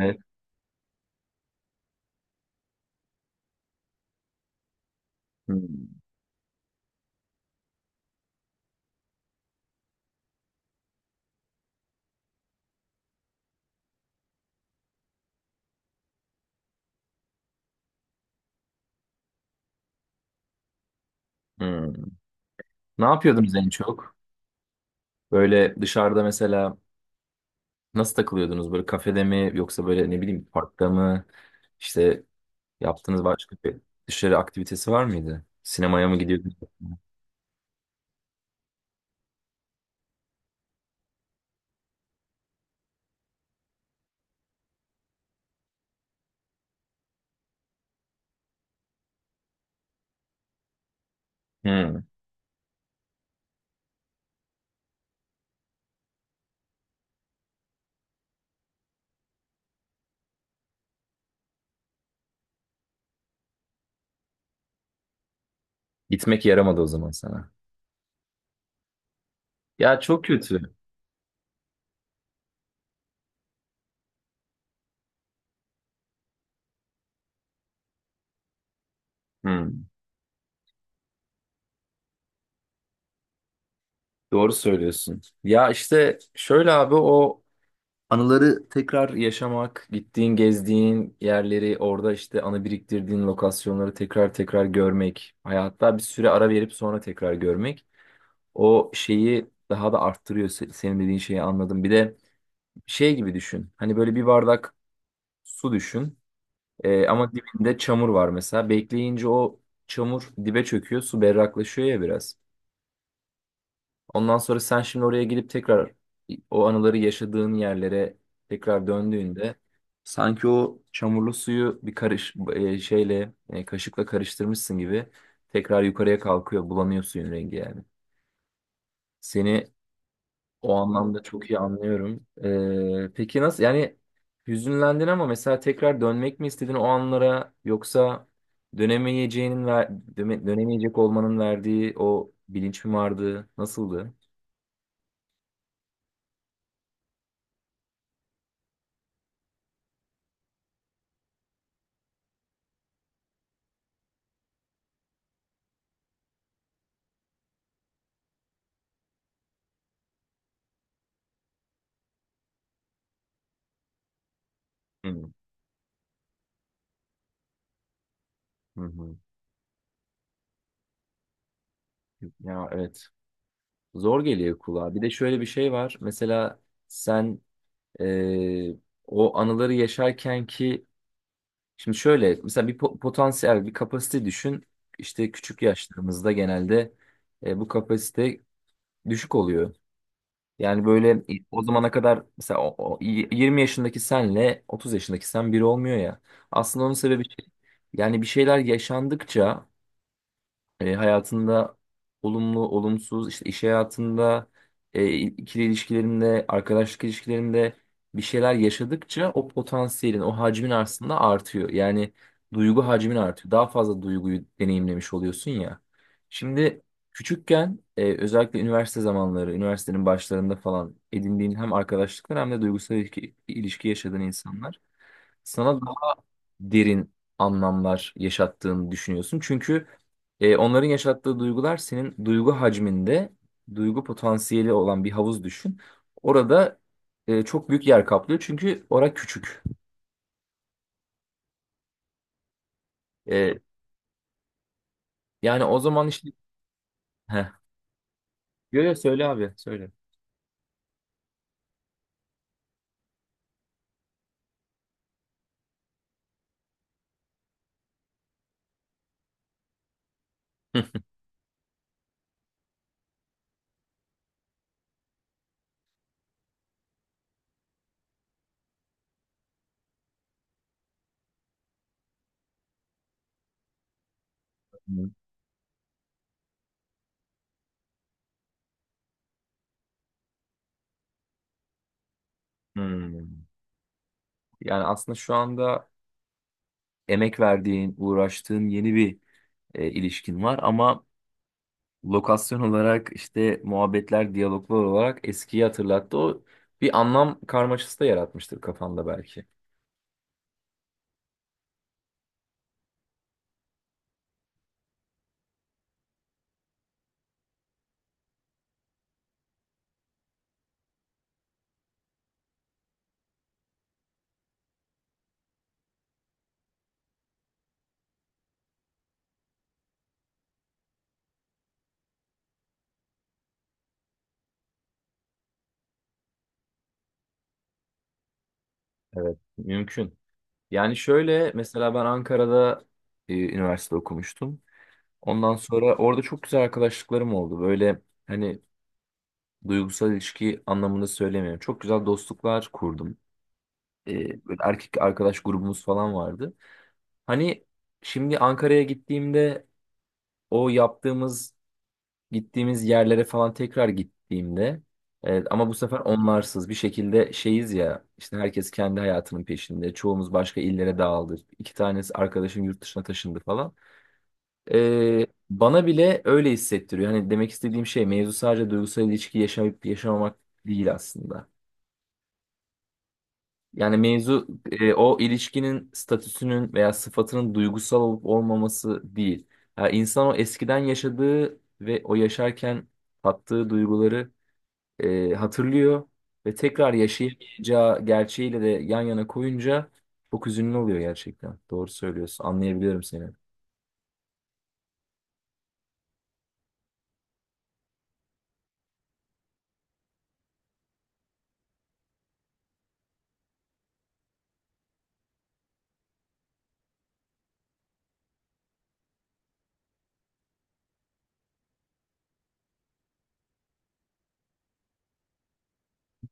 Evet. Hmm. Hmm. Ne yapıyordunuz en çok? Böyle dışarıda mesela nasıl takılıyordunuz? Böyle kafede mi yoksa böyle ne bileyim parkta mı? İşte yaptığınız başka bir dışarı aktivitesi var mıydı? Sinemaya mı gidiyordunuz? Hmm. Gitmek yaramadı o zaman sana. Ya çok kötü. Hmm. Doğru söylüyorsun. Ya işte şöyle abi o anıları tekrar yaşamak, gittiğin, gezdiğin yerleri, orada işte anı biriktirdiğin lokasyonları tekrar tekrar görmek, hayatta bir süre ara verip sonra tekrar görmek o şeyi daha da arttırıyor. Senin dediğin şeyi anladım. Bir de şey gibi düşün. Hani böyle bir bardak su düşün. Ama dibinde çamur var mesela. Bekleyince o çamur dibe çöküyor, su berraklaşıyor ya biraz. Ondan sonra sen şimdi oraya gidip tekrar o anıları yaşadığın yerlere tekrar döndüğünde sanki o çamurlu suyu bir karış kaşıkla karıştırmışsın gibi tekrar yukarıya kalkıyor, bulanıyor suyun rengi yani. Seni o anlamda çok iyi anlıyorum. Peki nasıl yani hüzünlendin ama mesela tekrar dönmek mi istedin o anlara yoksa dönemeyeceğinin dönemeyecek olmanın verdiği o bilinç mi vardı? Nasıldı? Hı hı. hı. Ya evet. Zor geliyor kulağa. Bir de şöyle bir şey var. Mesela sen eee, o anıları yaşarken ki şimdi şöyle mesela bir potansiyel bir kapasite düşün. İşte küçük yaşlarımızda genelde bu kapasite düşük oluyor. Yani böyle o zamana kadar mesela 20 yaşındaki senle 30 yaşındaki sen biri olmuyor ya. Aslında onun sebebi şey. Yani bir şeyler yaşandıkça hayatında olumlu, olumsuz, işte iş hayatında, ikili ilişkilerinde, arkadaşlık ilişkilerinde bir şeyler yaşadıkça o potansiyelin, o hacmin aslında artıyor. Yani duygu hacmin artıyor. Daha fazla duyguyu deneyimlemiş oluyorsun ya. Şimdi küçükken özellikle üniversite zamanları, üniversitenin başlarında falan edindiğin hem arkadaşlıklar hem de duygusal ilişki yaşadığın insanlar sana derin anlamlar yaşattığını düşünüyorsun. Çünkü onların yaşattığı duygular senin duygu hacminde, duygu potansiyeli olan bir havuz düşün. Orada çok büyük yer kaplıyor çünkü orası küçük. E, yani o zaman işte... Heh. Yo, yo, söyle abi, söyle. Hmm. Hmm. Yani aslında şu anda emek verdiğin, uğraştığın yeni bir ilişkin var ama lokasyon olarak işte muhabbetler, diyaloglar olarak eskiyi hatırlattı. O bir anlam karmaşası da yaratmıştır kafanda belki. Evet, mümkün. Yani şöyle mesela ben Ankara'da üniversite okumuştum. Ondan sonra orada çok güzel arkadaşlıklarım oldu. Böyle hani duygusal ilişki anlamında söylemiyorum. Çok güzel dostluklar kurdum. E, böyle erkek arkadaş grubumuz falan vardı. Hani şimdi Ankara'ya gittiğimde o yaptığımız gittiğimiz yerlere falan tekrar gittiğimde evet, ama bu sefer onlarsız bir şekilde şeyiz ya işte herkes kendi hayatının peşinde çoğumuz başka illere dağıldı iki tanesi arkadaşım yurt dışına taşındı falan. Bana bile öyle hissettiriyor hani demek istediğim şey mevzu sadece duygusal ilişki yaşayıp yaşamamak değil aslında yani mevzu o ilişkinin statüsünün veya sıfatının duygusal olup olmaması değil yani insan o eskiden yaşadığı ve o yaşarken tattığı duyguları hatırlıyor ve tekrar yaşayamayacağı gerçeğiyle de yan yana koyunca çok üzünlü oluyor gerçekten. Doğru söylüyorsun. Anlayabiliyorum seni.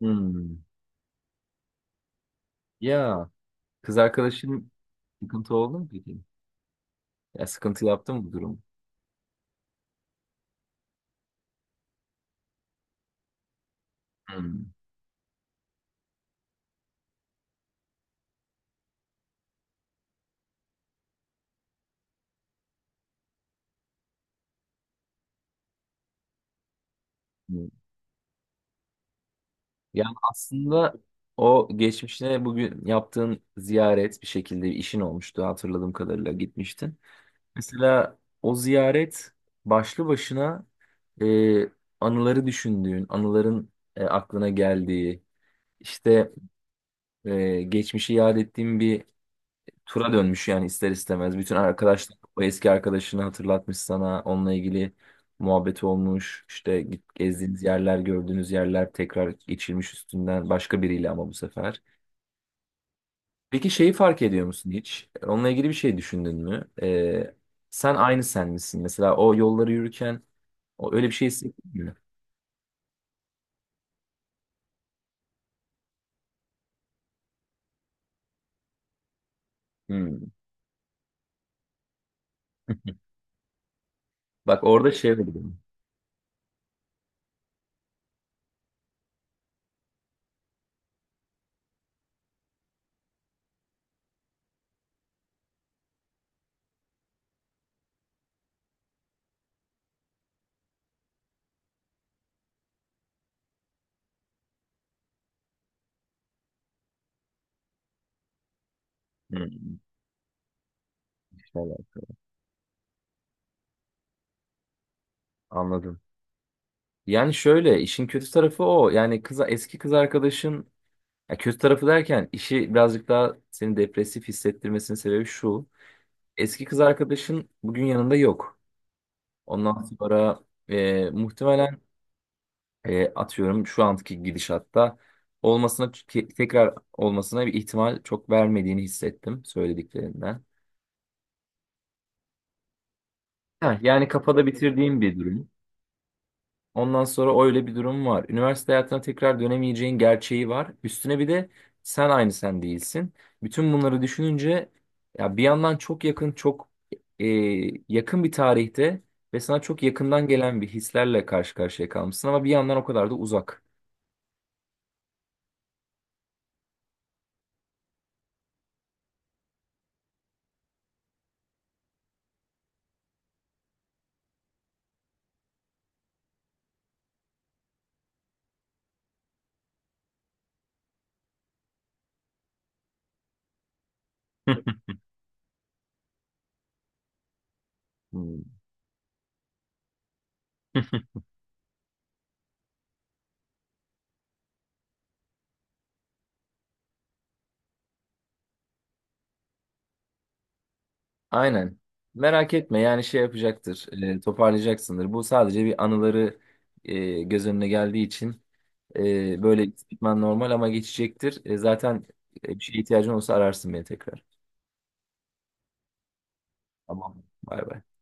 Hmm. Ya kız arkadaşın sıkıntı oldu mu peki? Ya sıkıntı yaptı mı bu durum? Hmm. Hmm. Yani aslında o geçmişine bugün yaptığın ziyaret bir şekilde işin olmuştu hatırladığım kadarıyla gitmiştin. Mesela o ziyaret başlı başına e, anıları düşündüğün, anıların aklına geldiği, işte geçmişi yad ettiğin bir tura dönmüş yani ister istemez. Bütün arkadaşlar o eski arkadaşını hatırlatmış sana, onunla ilgili muhabbet olmuş, işte gezdiğiniz yerler, gördüğünüz yerler tekrar geçilmiş üstünden başka biriyle ama bu sefer. Peki şeyi fark ediyor musun hiç? Onunla ilgili bir şey düşündün mü? Sen aynı sen misin? Mesela o yolları yürürken o öyle bir şey hissetmiyor. Hmm. Bak orada şey oldu. Benim. Hmm. Evet, anladım. Yani şöyle işin kötü tarafı o. Yani kız eski kız arkadaşın ya kötü tarafı derken işi birazcık daha seni depresif hissettirmesinin sebebi şu. Eski kız arkadaşın bugün yanında yok. Ondan sonra muhtemelen atıyorum şu anki gidişatta olmasına tekrar olmasına bir ihtimal çok vermediğini hissettim söylediklerinden. Ha, yani kafada bitirdiğim bir durum. Ondan sonra öyle bir durum var. Üniversite hayatına tekrar dönemeyeceğin gerçeği var. Üstüne bir de sen aynı sen değilsin. Bütün bunları düşününce ya bir yandan çok yakın, çok e, yakın bir tarihte ve sana çok yakından gelen bir hislerle karşı karşıya kalmışsın ama bir yandan o kadar da uzak. Hmm. Aynen. Merak etme yani şey yapacaktır, toparlayacaksındır. Bu sadece bir anıları göz önüne geldiği için böyle gitmen normal ama geçecektir. Zaten bir şeye ihtiyacın olursa ararsın beni tekrar. Tamam. Bay bay.